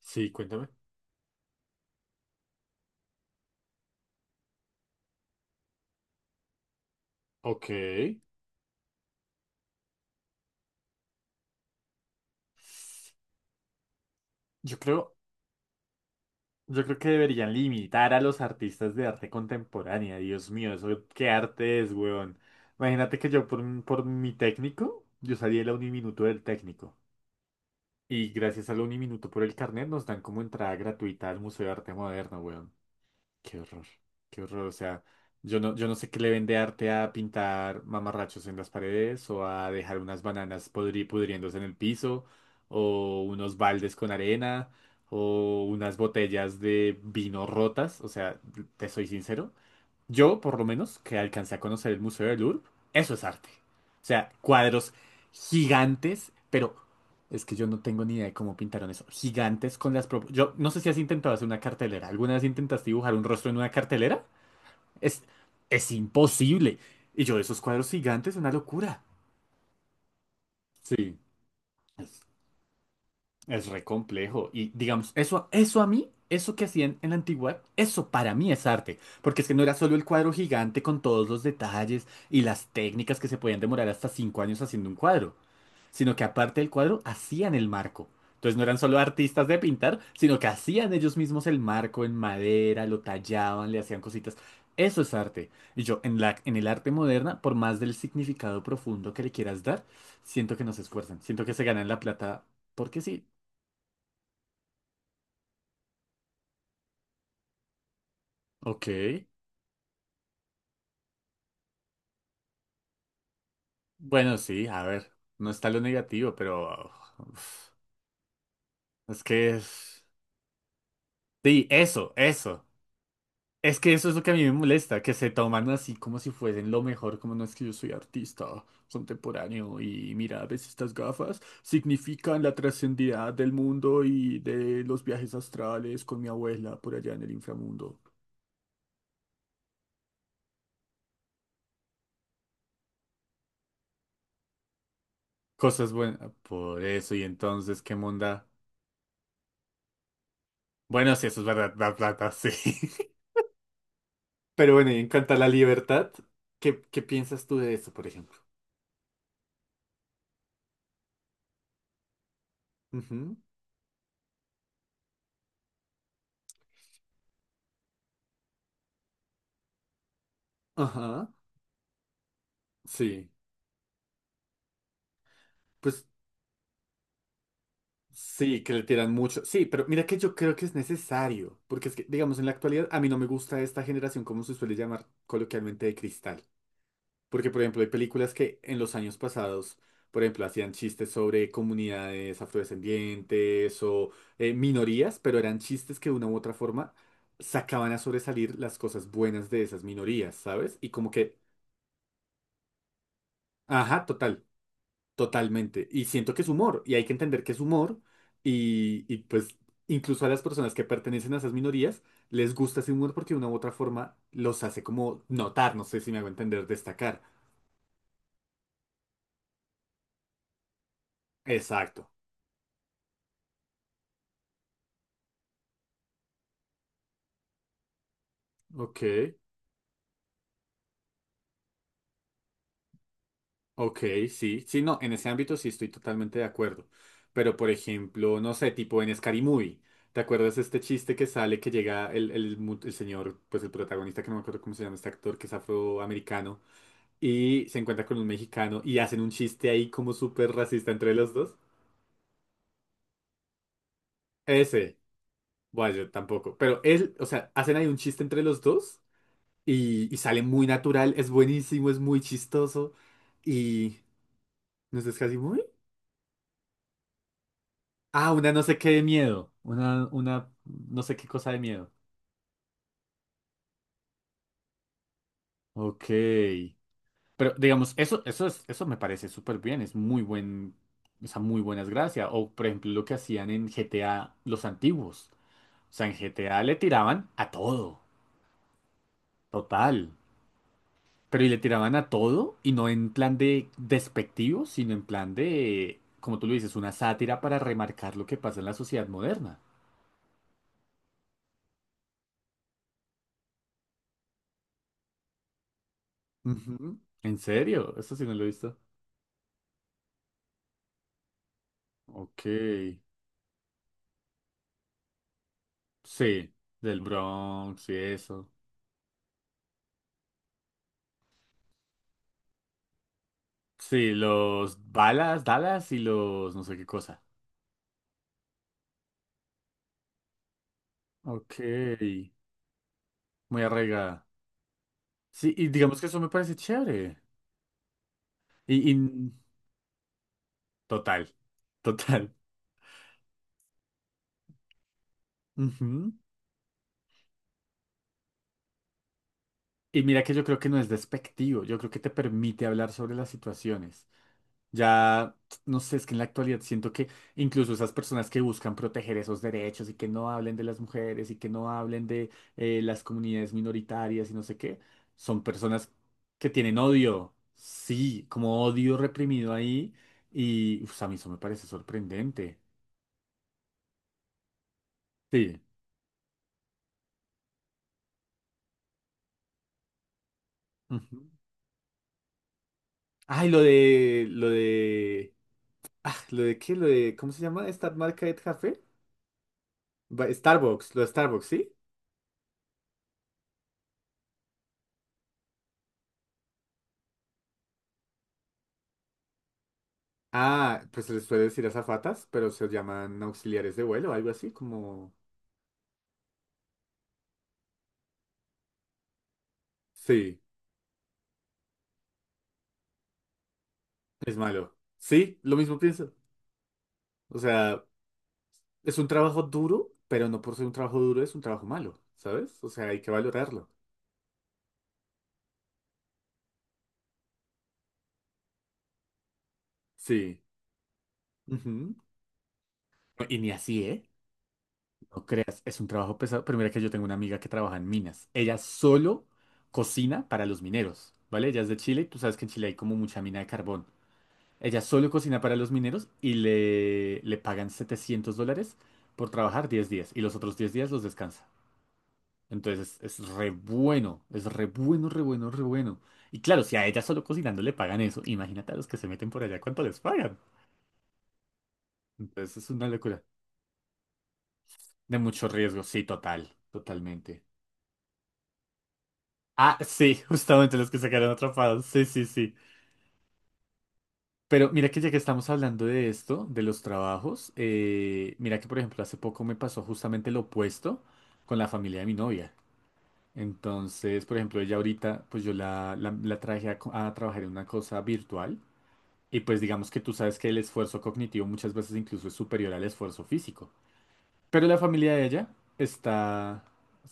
Sí, cuéntame. Ok. Yo creo, yo creo que deberían limitar a los artistas de arte contemporánea. Dios mío, eso qué arte es, weón. Imagínate que yo por, por mi técnico, yo salí el uniminuto del técnico. Y gracias al uniminuto por el carnet nos dan como entrada gratuita al Museo de Arte Moderno, weón. Qué horror, qué horror. O sea, yo no sé qué le vende arte a pintar mamarrachos en las paredes o a dejar unas bananas pudriéndose en el piso o unos baldes con arena o unas botellas de vino rotas. O sea, te soy sincero, yo, por lo menos, que alcancé a conocer el Museo del Louvre, eso es arte. O sea, cuadros gigantes, pero es que yo no tengo ni idea de cómo pintaron eso. Gigantes con las... Yo no sé si has intentado hacer una cartelera. ¿Alguna vez intentaste dibujar un rostro en una cartelera? Es, es imposible. Y yo, esos cuadros gigantes, una locura. Sí. Es re complejo. Y digamos, eso a mí, eso que hacían en la antigüedad, eso para mí es arte. Porque es que no era solo el cuadro gigante con todos los detalles y las técnicas que se podían demorar hasta 5 años haciendo un cuadro, sino que aparte del cuadro hacían el marco. Entonces no eran solo artistas de pintar, sino que hacían ellos mismos el marco en madera, lo tallaban, le hacían cositas. Eso es arte. Y yo, en el arte moderna, por más del significado profundo que le quieras dar, siento que no se esfuerzan. Siento que se ganan la plata porque sí. Ok. Bueno, sí, a ver. No está lo negativo, pero... uf, es que es... Sí, eso. Es que eso es lo que a mí me molesta, que se toman así como si fuesen lo mejor, como no es que yo soy artista contemporáneo y mira, ves estas gafas, significan la trascendida del mundo y de los viajes astrales con mi abuela por allá en el inframundo. Cosas buenas, por eso, y entonces, ¿qué monda? Bueno, sí, eso es verdad, verdad, verdad, sí. Pero bueno, y en cuanto a la libertad, ¿qué piensas tú de eso, por ejemplo? Ujú, ajá. Sí. Pues sí, que le tiran mucho. Sí, pero mira que yo creo que es necesario. Porque es que, digamos, en la actualidad a mí no me gusta esta generación, como se suele llamar coloquialmente, de cristal. Porque, por ejemplo, hay películas que en los años pasados, por ejemplo, hacían chistes sobre comunidades afrodescendientes o minorías, pero eran chistes que de una u otra forma sacaban a sobresalir las cosas buenas de esas minorías, ¿sabes? Y como que ajá, total, totalmente. Y siento que es humor, y hay que entender que es humor, pues incluso a las personas que pertenecen a esas minorías les gusta ese humor porque de una u otra forma los hace como notar, no sé si me hago entender, destacar. Exacto. Ok, ok, sí, sí, no, en ese ámbito sí estoy totalmente de acuerdo. Pero por ejemplo, no sé, tipo en Scary Movie, ¿te acuerdas este chiste que sale que llega el señor, pues el protagonista, que no me acuerdo cómo se llama este actor, que es afroamericano? Y se encuentra con un mexicano y hacen un chiste ahí como súper racista entre los dos. Ese, bueno, yo tampoco. Pero él, o sea, hacen ahí un chiste entre los dos sale muy natural, es buenísimo, es muy chistoso y no sé, es casi muy... Ah, una no sé qué de miedo, una no sé qué cosa de miedo. Ok. Pero digamos, eso me parece súper bien, es muy buen, esa muy buenas gracias. O por ejemplo, lo que hacían en GTA los antiguos. O sea, en GTA le tiraban a todo, total. Pero y le tiraban a todo y no en plan de despectivo, sino en plan de, como tú lo dices, una sátira para remarcar lo que pasa en la sociedad moderna. Ujú. ¿En serio? Eso sí no lo he visto. Ok. Sí, del Bronx y eso. Sí, los balas, Dallas y los no sé qué cosa. Ok, muy arraigada. Sí, y digamos que eso me parece chévere. Y, y- Total, total. Ujú. Y mira que yo creo que no es despectivo, yo creo que te permite hablar sobre las situaciones. Ya, no sé, es que en la actualidad siento que incluso esas personas que buscan proteger esos derechos y que no hablen de las mujeres y que no hablen de las comunidades minoritarias y no sé qué, son personas que tienen odio, sí, como odio reprimido ahí y uf, a mí eso me parece sorprendente. Sí. Ujú. Ay, lo de, ah, lo de qué, lo de, ¿cómo se llama esta marca de café? Starbucks, los Starbucks, ¿sí? Ah, pues se les puede decir azafatas, pero se llaman auxiliares de vuelo, algo así, como... Sí, es malo. Sí, lo mismo pienso. O sea, es un trabajo duro, pero no por ser un trabajo duro es un trabajo malo, ¿sabes? O sea, hay que valorarlo. Sí. Ujú. Y ni así, ¿eh? No creas, es un trabajo pesado. Pero mira que yo tengo una amiga que trabaja en minas. Ella solo cocina para los mineros, ¿vale? Ella es de Chile y tú sabes que en Chile hay como mucha mina de carbón. Ella solo cocina para los mineros y le pagan $700 por trabajar 10 días y los otros 10 días los descansa. Entonces es re bueno, re bueno, re bueno. Y claro, si a ella solo cocinando le pagan eso, imagínate a los que se meten por allá cuánto les pagan. Entonces es una locura. De mucho riesgo, sí, total, totalmente. Ah, sí, justamente los que se quedaron atrapados. Sí, sí, sí. Pero mira que ya que estamos hablando de esto, de los trabajos, mira que por ejemplo hace poco me pasó justamente lo opuesto con la familia de mi novia. Entonces, por ejemplo, ella ahorita, pues yo la, la, la traje a, a trabajar en una cosa virtual y pues digamos que tú sabes que el esfuerzo cognitivo muchas veces incluso es superior al esfuerzo físico. Pero la familia de ella está...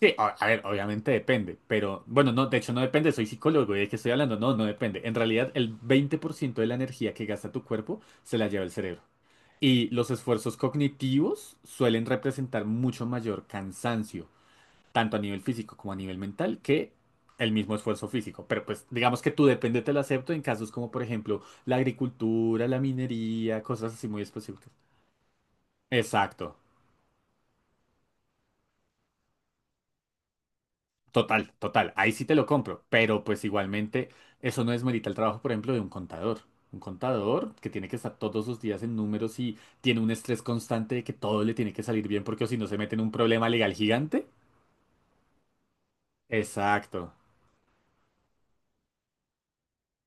Sí, a ver, obviamente depende, pero bueno, no, de hecho no depende, soy psicólogo y de qué estoy hablando, no, no depende. En realidad el 20% de la energía que gasta tu cuerpo se la lleva el cerebro. Y los esfuerzos cognitivos suelen representar mucho mayor cansancio, tanto a nivel físico como a nivel mental, que el mismo esfuerzo físico. Pero pues digamos que tú depende, te lo acepto en casos como por ejemplo la agricultura, la minería, cosas así muy específicas. Exacto. Total, total. Ahí sí te lo compro, pero pues igualmente eso no desmerita el trabajo, por ejemplo, de un contador. Un contador que tiene que estar todos los días en números y tiene un estrés constante de que todo le tiene que salir bien porque o si no se mete en un problema legal gigante. Exacto.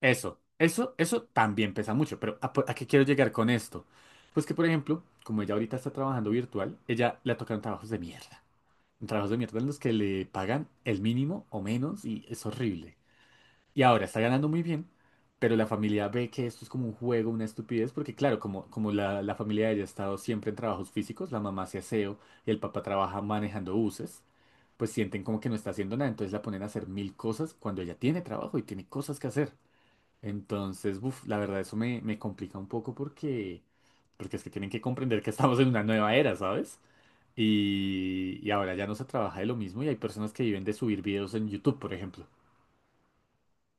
Eso también pesa mucho. Pero a qué quiero llegar con esto? Pues que, por ejemplo, como ella ahorita está trabajando virtual, ella le tocan trabajos de mierda. Trabajos de mierda en los que le pagan el mínimo o menos y es horrible. Y ahora está ganando muy bien, pero la familia ve que esto es como un juego, una estupidez, porque claro, la familia de ella ha estado siempre en trabajos físicos, la mamá hace aseo y el papá trabaja manejando buses, pues sienten como que no está haciendo nada, entonces la ponen a hacer mil cosas cuando ella tiene trabajo y tiene cosas que hacer. Entonces, buf, la verdad eso me complica un poco porque, porque es que tienen que comprender que estamos en una nueva era, ¿sabes? Ahora ya no se trabaja de lo mismo y hay personas que viven de subir videos en YouTube, por ejemplo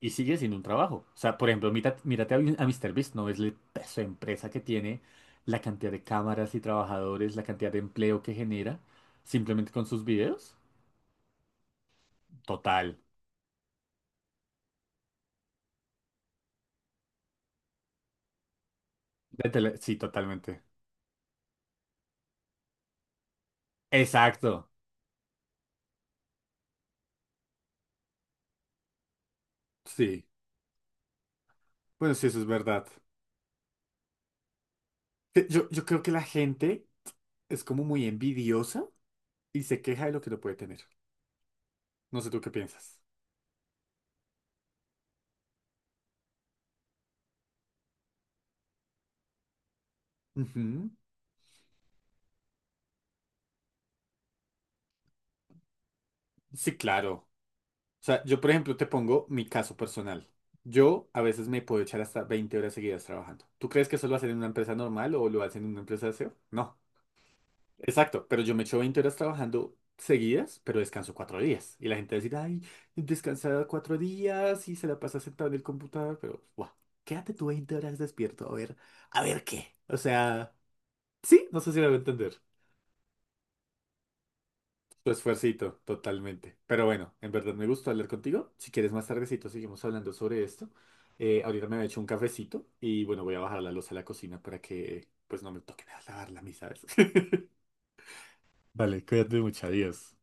y sigue sin un trabajo. O sea, por ejemplo, mírate, mírate a Míster Beast, ¿no ves el peso de empresa que tiene, la cantidad de cámaras y trabajadores, la cantidad de empleo que genera, simplemente con sus videos? Total. Sí, totalmente. Exacto. Sí. Bueno, sí, eso es verdad. Que yo creo que la gente es como muy envidiosa y se queja de lo que no puede tener. No sé tú qué piensas. Ujú. Sí, claro. O sea, yo, por ejemplo, te pongo mi caso personal. Yo a veces me puedo echar hasta 20 horas seguidas trabajando. ¿Tú crees que eso lo hacen en una empresa normal o lo hacen en una empresa de SEO? No. Exacto, pero yo me echo 20 horas trabajando seguidas, pero descanso 4 días. Y la gente va a decir, ay, descansada 4 días y se la pasa sentado en el computador, pero, guau, quédate tú 20 horas despierto, a ver qué. O sea, sí, no sé si me va a entender. Tu esfuercito, totalmente. Pero bueno, en verdad me gustó hablar contigo. Si quieres más tardecito seguimos hablando sobre esto. Ahorita me he hecho un cafecito y bueno, voy a bajar la loza a la cocina para que pues no me toque nada lavarla a mí, ¿sabes? Vale, cuídate mucho, adiós.